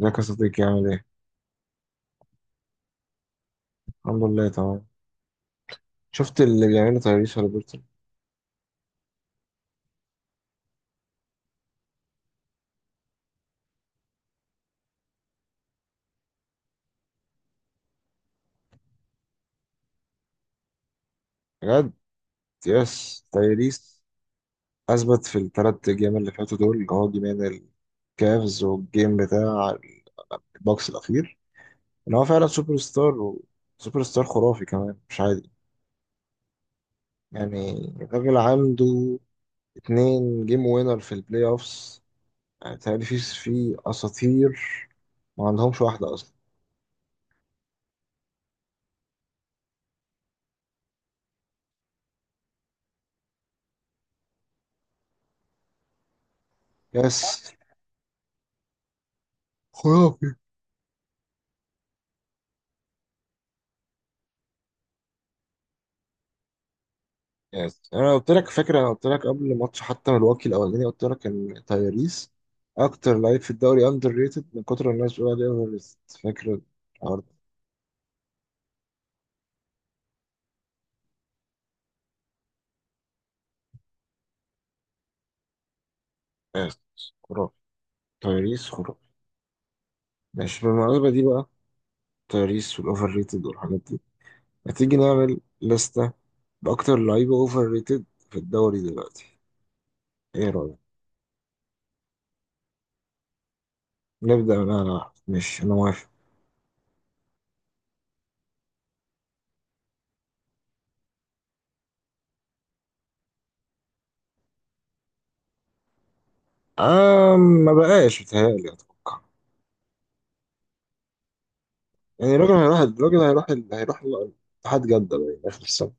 ازيك يا صديقي؟ عامل ايه؟ الحمد لله تمام. شفت اللي بيعمله تايريس هاليبرتون؟ بجد يس تايريس اثبت في الثلاث جيم اللي فاتوا، دول اللي هو جيمين الكافز والجيم بتاع البوكس الاخير، ان هو فعلا سوبر ستار، وسوبر ستار خرافي كمان مش عادي. يعني الراجل عنده اتنين جيم وينر في البلاي اوفس. يعني تايريس في اساطير ما عندهمش واحده اصلا. يس خرافي. يس. انا قلت لك، فاكر؟ انا قلت لك قبل ماتش حتى ملواكي الاولاني، قلت لك ان تايريس اكتر لعيب في الدوري اندر ريتد من كتر الناس بتقول عليه اوفر ريتد. فاكر الحوار ده؟ يس. خرافي. تايريس خرافي. ماشي، بالمناسبة دي بقى، تايريس والاوفر ريتد والحاجات دي، هتيجي نعمل لستة باكتر لعيبة اوفر ريتد في الدوري دلوقتي؟ ايه رأيك؟ نبدأ من انا واحد، ماشي انا موافق. آه ما بقاش، بتهيألي. اتوقع يعني الراجل هيروح اتحاد جدة بقى آخر السنة.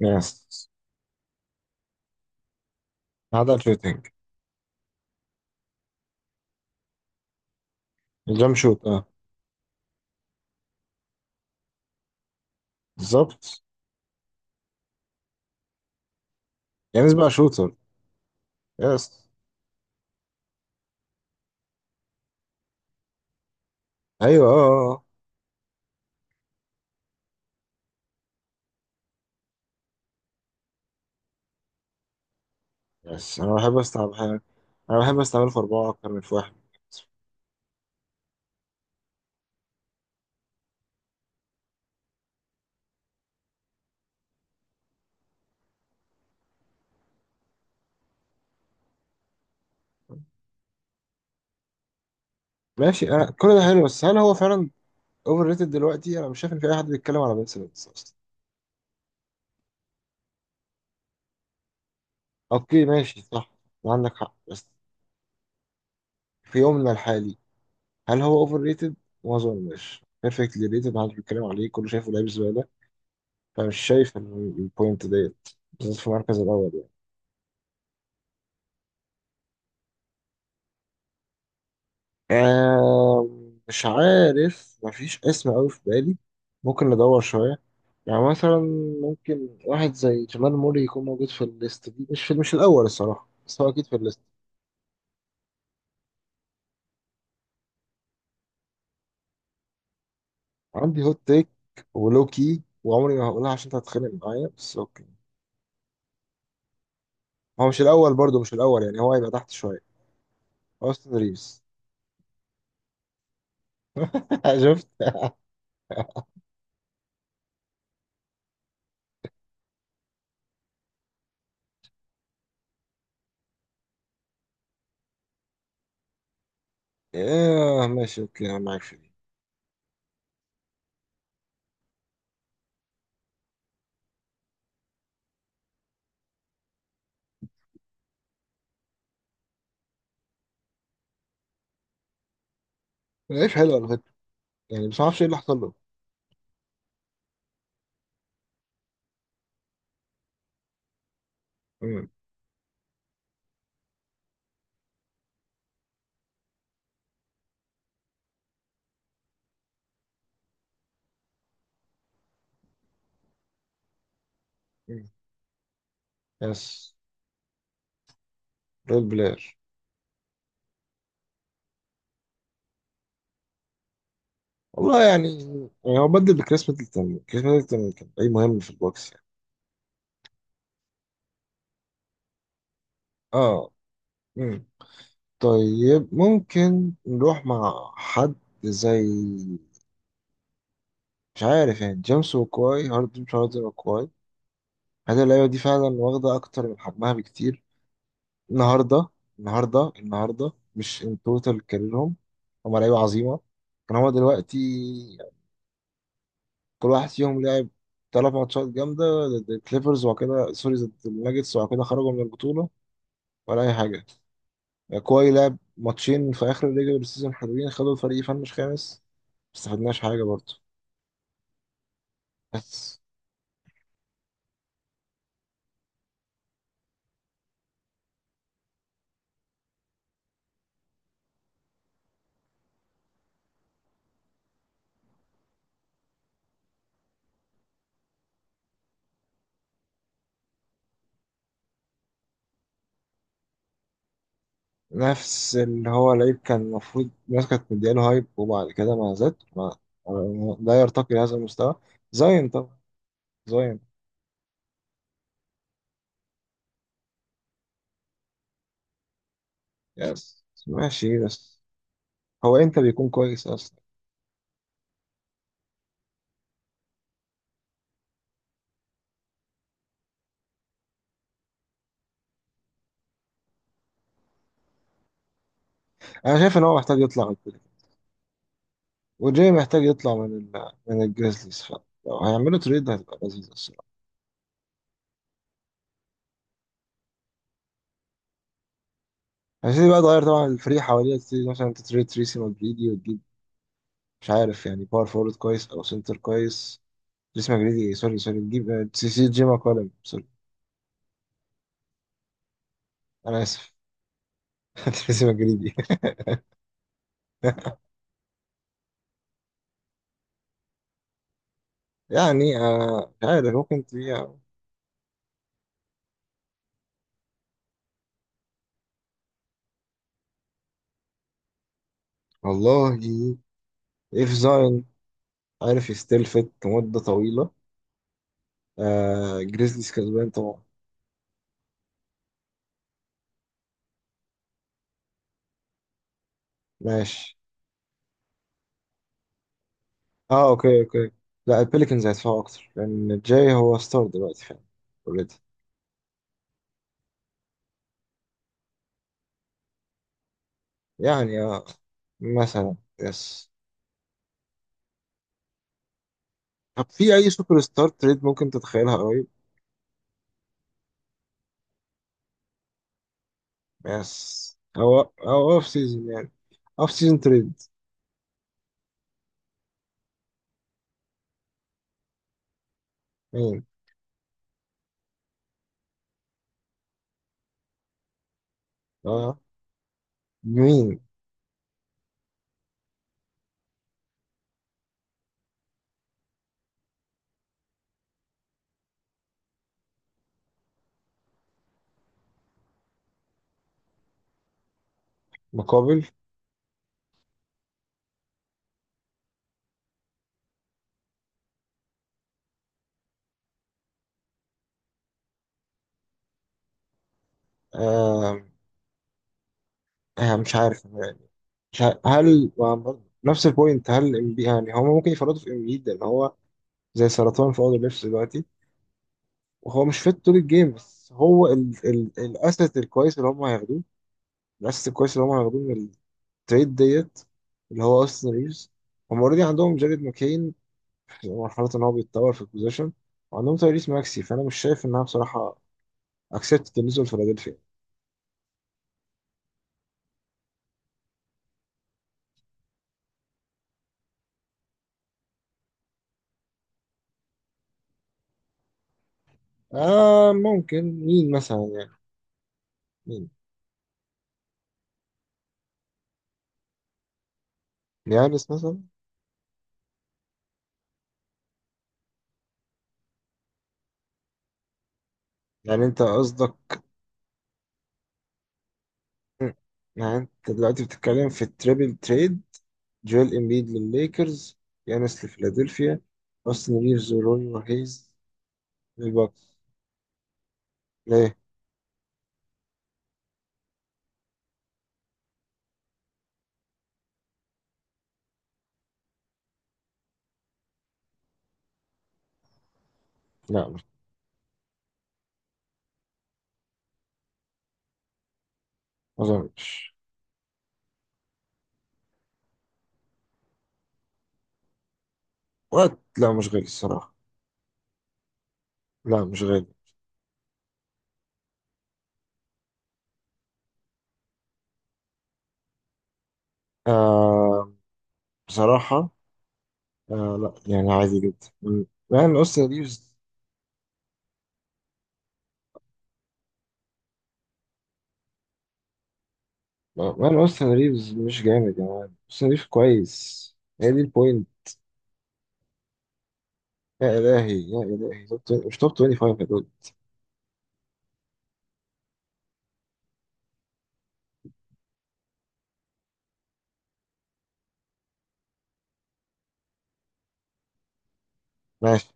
يس هذا شوتنج. الجمب شوت، اه بالظبط. يعني بقى شوتر. يس. ايوه اه. اه. آه. يس انا بحب استعمل حاجة. انا بحب استعمله في اربعة اكتر من في واحد. ماشي انا كل ده حلو، بس هل هو فعلا اوفر ريتد دلوقتي؟ انا مش شايف ان في اي حد بيتكلم على بنسلنس اصلا. اوكي ماشي صح، عندك حق، بس في يومنا الحالي هل هو اوفر ريتد؟ ما اظنش، بيرفكتلي ريتد، محدش بيتكلم عليه، كله شايفه لعيب زباله. فمش شايف إن البوينت ديت بالذات في المركز الاول. آه مش عارف، مفيش اسم أوي في بالي. ممكن ندور شوية. يعني مثلا ممكن واحد زي جمال موري يكون موجود في الليست دي، مش في، مش الأول الصراحة، بس هو أكيد في الليست. عندي هوت تيك ولوكي، وعمري ما هقولها عشان أنت هتتخانق معايا، بس أوكي. هو مش الأول، برضه مش الأول، يعني هو هيبقى تحت شوية. أوستن ريفز. شفت؟ آه ماشي، أوكي أنا معاك في دي. لعيب حلو على فكرة، يعني بس معرفش إيه اللي حصل له. مم. مم. يس رول بلاير. والله يعني، يعني هو بدل بكريس ميدلتون كريس ميدلتون كان أي مهم في البوكس يعني. اه. امم. طيب ممكن نروح مع حد زي، مش عارف يعني، جيمس وكواي، هاردن، مش هاردن وكواي. هذه اللعيبة دي فعلا واخدة أكتر من حجمها بكتير النهاردة. النهاردة مش ان توتال كاريرهم هما لعيبة عظيمة. كان هما دلوقتي كل واحد فيهم لعب تلات ماتشات جامدة ضد الكليبرز، وبعد كده سوري ضد الناجتس، وبعد كده خرجوا من البطولة، ولا أي حاجة. يعني كواي لعب ماتشين في اخر الريجولار سيزون حلوين، خدوا الفريق يفنش خامس، ما استفدناش حاجه برضه. بس نفس اللي هو لعيب كان المفروض الناس كانت مدياله هايب، وبعد كده ما زاد، لا يرتقي لهذا المستوى. زاين طبعا. زاين. يس ماشي، بس هو امتى بيكون كويس اصلا؟ انا شايف ان هو محتاج يطلع من كده، وجاي محتاج يطلع من من الجريزليز، فلو هيعملوا تريد هتبقى لذيذة الصراحة. هتبتدي بقى تغير طبعا الفريق حواليها، تبتدي مثلا تتريد تريسي مدريدي وتجيب، مش عارف يعني، باور فورورد كويس او سنتر كويس. تريسي مجريدي، سوري سوري، تجيب سي جي ماكولم، سوري. انا اسف. تريسي مجريدي. يعني آه، مش عارف، ممكن تبيع. والله اف زاين، عارف يستلفت لمدة طويلة. آه جريزليز كسبان طبعا. ماشي. اه اوكي اوكي. لا البليكنز هيدفعوا اكتر، لان جاي هو ستار دلوقتي فعلا، اوريدي. يعني آه، مثلا يس. طب في اي سوبر ستار تريد ممكن تتخيلها قريب؟ يس، او او اوف سيزون يعني، اوف سيزون تريد. مين؟ اه مين؟ مقابل؟ آه. آه مش عارف يعني. مش عارف. هل ما برضه نفس البوينت، هل ام بي، يعني هما ممكن يفرطوا في ام بي لان هو زي سرطان في اوضه اللبس دلوقتي، وهو مش فيت طول الجيم؟ بس هو ال الاسيت الكويس اللي هم هياخدوه، الاسيت الكويس اللي هم هياخدوه من التريد ديت اللي هو اوستن ريفز، هم اوريدي عندهم جاريد ماكين مرحلة إن هو بيتطور في البوزيشن، وعندهم تايريس ماكسي، فأنا مش شايف إنها بصراحة أكسبت بالنسبة لفيلادلفيا. آه ممكن، مين مثلا يعني؟ مين؟ يانس مثلا؟ يعني أنت قصدك، يعني أنت دلوقتي بتتكلم في التريبل تريد، جويل إمبيد للليكرز، يانس لفيلادلفيا، أوستن ريفز وروني وهيز للباكس؟ ليه؟ لا مش. ما أظنش. وقت؟ لا مش غالي الصراحة. لا مش غالي. آه بصراحة. آه لا يعني عادي جدا. م- مان أوستن ريفز. مان أوستن ريفز مش جامد، يا مان أوستن ريفز كويس. هي دي البوينت. يا إلهي يا إلهي، توب 20 مش توب 25 يا دول. ماشي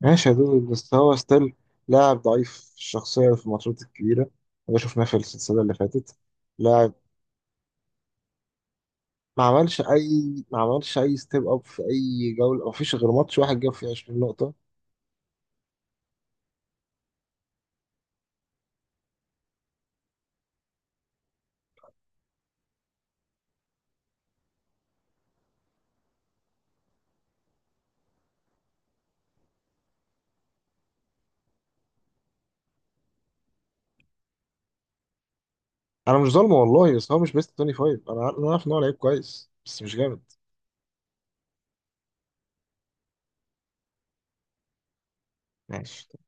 ماشي يا دول، بس هو ستيل لاعب ضعيف الشخصية في الماتشات الكبيرة، وده شفناه في السلسلة اللي فاتت. لاعب ما عملش أي ستيب أب في أي جولة، ما فيش غير ماتش واحد جاب فيه 20 نقطة. أنا مش ظالمه والله، بس هو مش بيست 25. أنا عارف إن هو لعيب كويس بس مش جامد. ماشي.